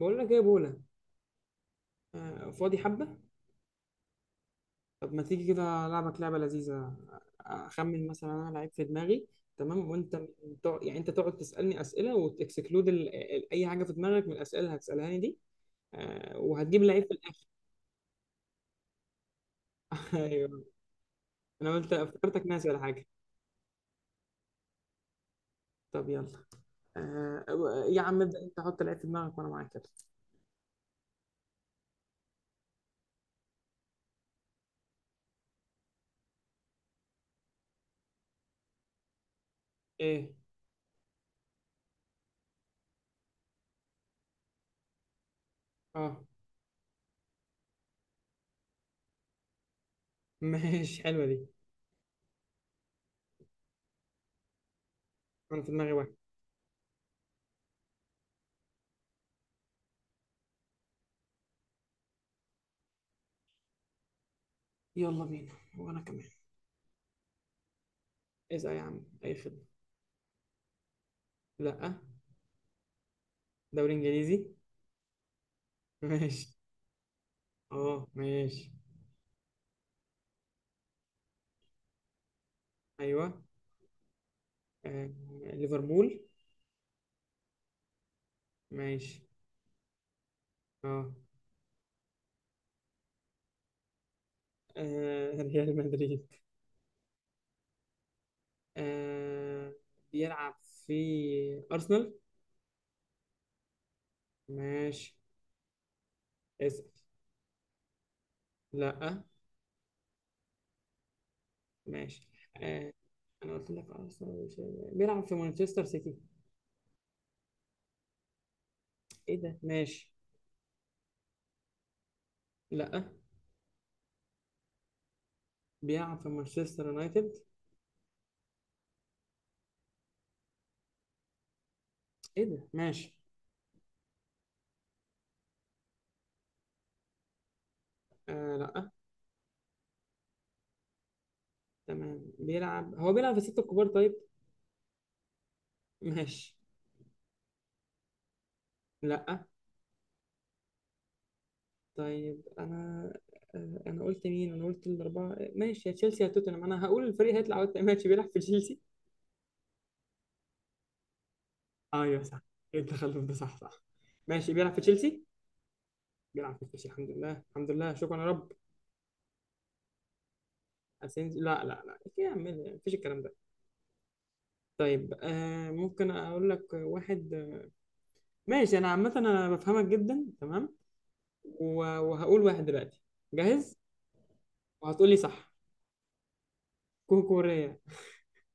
بقول لك ايه يا بولا؟ آه، فاضي حبه. طب ما تيجي كده العبك لعبه لذيذه. اخمن مثلا انا لعيب في دماغي، تمام؟ وانت؟ يعني انت تقعد تسالني اسئله وتكسكلود اي حاجه في دماغك من الاسئله اللي هتسالها لي دي. آه، وهتجيب لعيب في الاخر. ايوه. انا قلت افتكرتك ناسي ولا حاجه. طب يلا. آه، يا عم ابدا انت حط لعيب في دماغك وانا معاك، يلا. ايه؟ اه. ماشي حلوه دي. انا في دماغي واحد. يلا بينا، وانا كمان. اسال يا عم، اي خدمه. لا. دوري انجليزي. ماشي. اه ماشي. ايوه. آه. ليفربول. ماشي. اه. آه، ريال مدريد. آه. بيلعب في ارسنال. ماشي. اسال. لا. ماشي. آه. انا قلت لك ارسنال، مش بيلعب في مانشستر سيتي. ايه ده؟ ماشي. لا، بيلعب في مانشستر يونايتد. ايه ده؟ ماشي. آه. لا. تمام، بيلعب. هو بيلعب في الستة الكبار، طيب؟ ماشي. لا. طيب. انا آه، انا قلت مين؟ انا قلت الاربعه ماشي، يا تشيلسي يا توتنهام، انا هقول الفريق هيطلع وقت ماشي. بيلعب في تشيلسي. آه، ايوه صح. ايه التخلف ده، صح صح. ماشي، بيلعب في تشيلسي. بيلعب في تشيلسي، الحمد لله الحمد لله، شكرا يا رب. اسينسيو؟ لا لا لا، إيه يا عم؟ إيه؟ مفيش الكلام ده. طيب آه، ممكن اقول لك واحد؟ ماشي، انا عامه انا بفهمك جدا، تمام. وهقول واحد دلوقتي. جاهز؟ وهتقول لي صح. كوكوريا.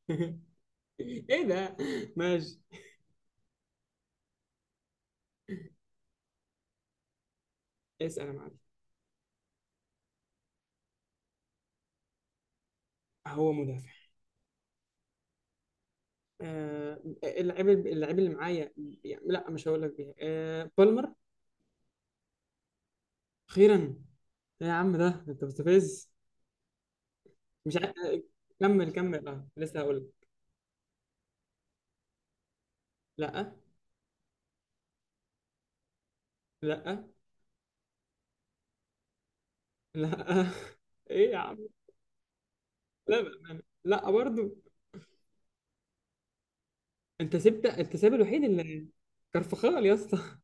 ايه ده؟ ماشي. اسال يا معلم. هو مدافع. آه، اللعيب اللي معايا، يعني لا مش هقول لك بيها. آه، بالمر. اخيرا. إيه يا عم ده، انت مستفز. مش عارف. كمل كمل، اه لسه هقول لك. لا. لا. لا. ايه يا عم؟ لا بأمانة. لا برضو. انت سبت، انت ساب الوحيد اللي. كرفخال يا اسطى.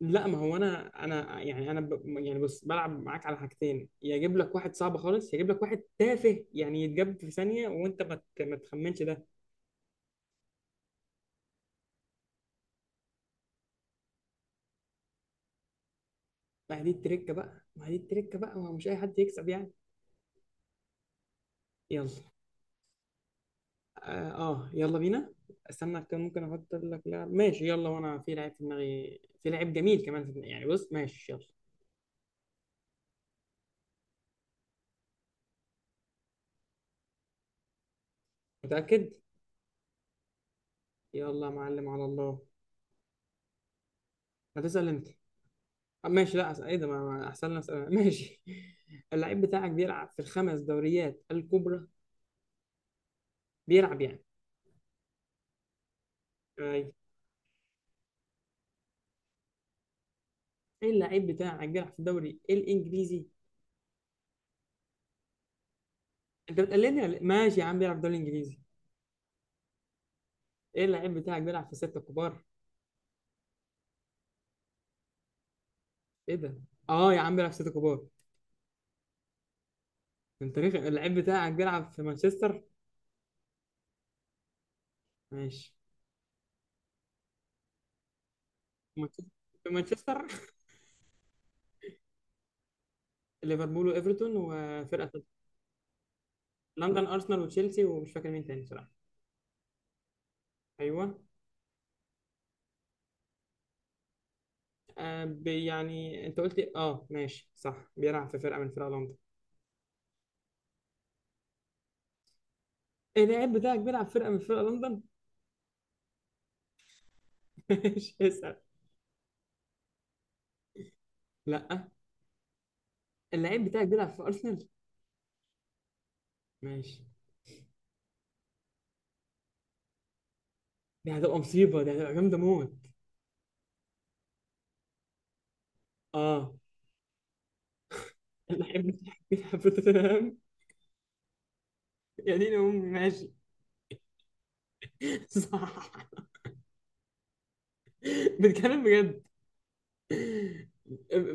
لا، ما هو انا يعني يعني بص، بلعب معاك على حاجتين، يا اجيب لك واحد صعب خالص يا اجيب لك واحد تافه يعني يتجاب في ثانيه وانت ما تخمنش ده. ما هي دي التركة بقى، ما هي دي التركة بقى، ما هو مش أي حد يكسب يعني. يلا. آه، آه يلا بينا. استنى، كان ممكن أحط لك لاعب ماشي يلا، وأنا في لعيب في دماغي، في لعيب جميل كمان في دماغي يعني، بص ماشي يلا. متأكد. يلا يا معلم، على الله. هتسأل أنت. آه ماشي، لا أسأل. إيه ده، أحسن لي أسأل أنا. ماشي. اللعيب بتاعك بيلعب في الخمس دوريات الكبرى؟ بيلعب يعني. أيوة. اللعيب بتاعك بيلعب في الدوري الإنجليزي؟ أنت بتقلدني ولا إيه؟ ماشي يا عم، بيلعب في الدوري الإنجليزي. ايه؟ اللعيب بتاعك بيلعب في الستة الكبار؟ ايه ده؟ اه يا عم، بيلعب في سيتي كبار. انت ريخ. اللعيب بتاعك بيلعب في مانشستر؟ ماشي. مانشستر- في مانشستر. ليفربول وايفرتون وفرقه تالتة. لندن، ارسنال وتشيلسي ومش فاكر مين تاني بصراحه. ايوه. آه، يعني انت قلت إيه؟ اه ماشي صح، بيلعب في فرقه من فرق لندن. إيه؟ اللعيب بتاعك بيلعب في فرقه من فرق لندن؟ ماشي، اسال. لا. اللعيب بتاعك بيلعب في ارسنال؟ ماشي. دي هتبقى مصيبه، دي هتبقى جامده موت. اه. اللعيب بتاعك بيلعب في توتنهام؟ يا دين امي. ماشي. صح. بتكلم بجد؟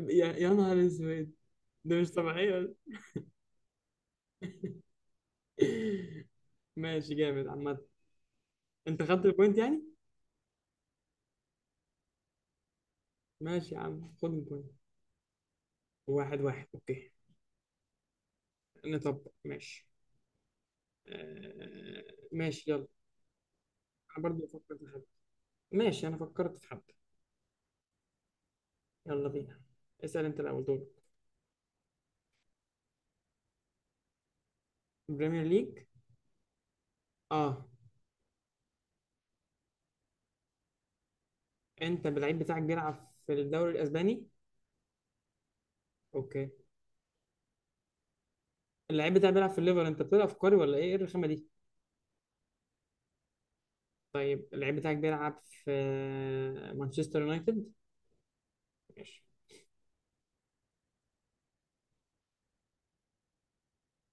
يا، يا نهار اسود. ده مش طبيعية. ماشي جامد عامة. انت خدت البوينت يعني؟ ماشي يا عم، خد البوينت. واحد واحد، اوكي. نطبق، ماشي. آه. ماشي يلا. انا برضه فكرت في حد. ماشي، انا فكرت في حد. يلا بينا. اسأل انت الاول، دورك. بريمير ليج. اه. انت اللعيب بتاعك بيلعب في الدوري الاسباني؟ اوكي. اللعيب بتاعك بيلعب في الليفر، انت بتلعب في كوري ولا ايه؟ ايه الرخامة دي؟ طيب اللعيب بتاعك بيلعب في مانشستر يونايتد؟ ماشي.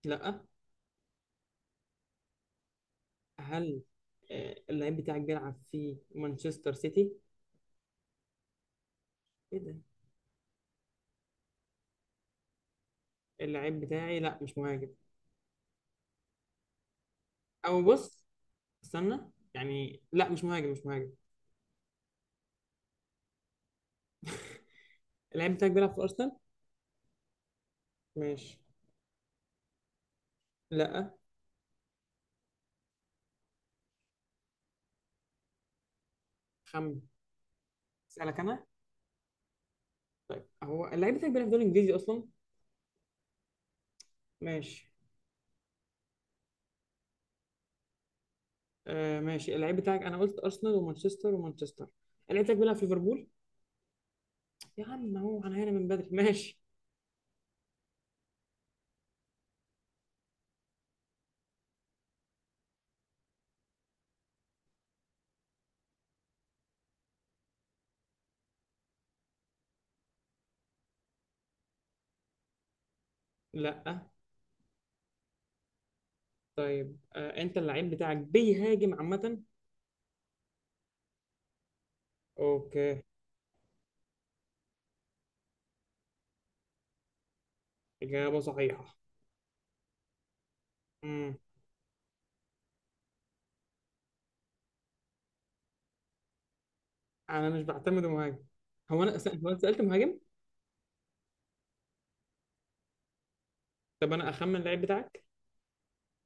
لا. هل آه، اللعيب بتاعك بيلعب في مانشستر سيتي؟ ايه ده؟ اللعيب بتاعي، لا مش مهاجم. او بص، استنى، يعني لا مش مهاجم، مش مهاجم. اللعيب بتاعك بيلعب في ارسنال؟ ماشي. لا. خم. اسالك انا؟ طيب هو اللعيب بتاعك بيلعب في الدوري الانجليزي اصلا؟ ماشي. آه ماشي، اللعيب بتاعك انا قلت ارسنال ومانشستر ومانشستر. اللعيب بتاعك بيلعب في ليفربول؟ يا عم، هو انا هنا من بدري. ماشي. لا. طيب آه، انت اللعيب بتاعك بيهاجم عامة؟ اوكي. إجابة صحيحة. امم. انا مش بعتمد مهاجم. هو أنا سألت مهاجم. طب انا اخمن اللعيب بتاعك.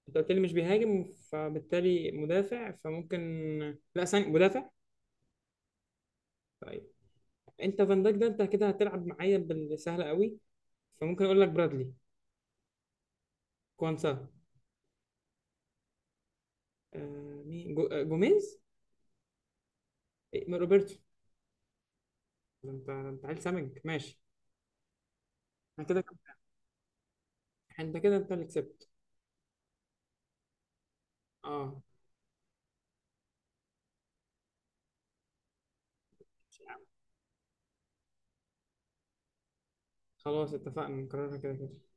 انت قلت لي مش بيهاجم، فبالتالي مدافع. فممكن. لا ثاني مدافع. طيب. انت فان دايك ده، انت كده هتلعب معايا بالسهلة قوي. فممكن اقول لك برادلي. كوانسا. آه مين آه، جوميز. إيه، ما روبرتو. ده انت، ده انت عيل سمج. ماشي. انا كده. انت كده، انت اللي كسبت. اه. خلاص اتفقنا نكررها كده كده.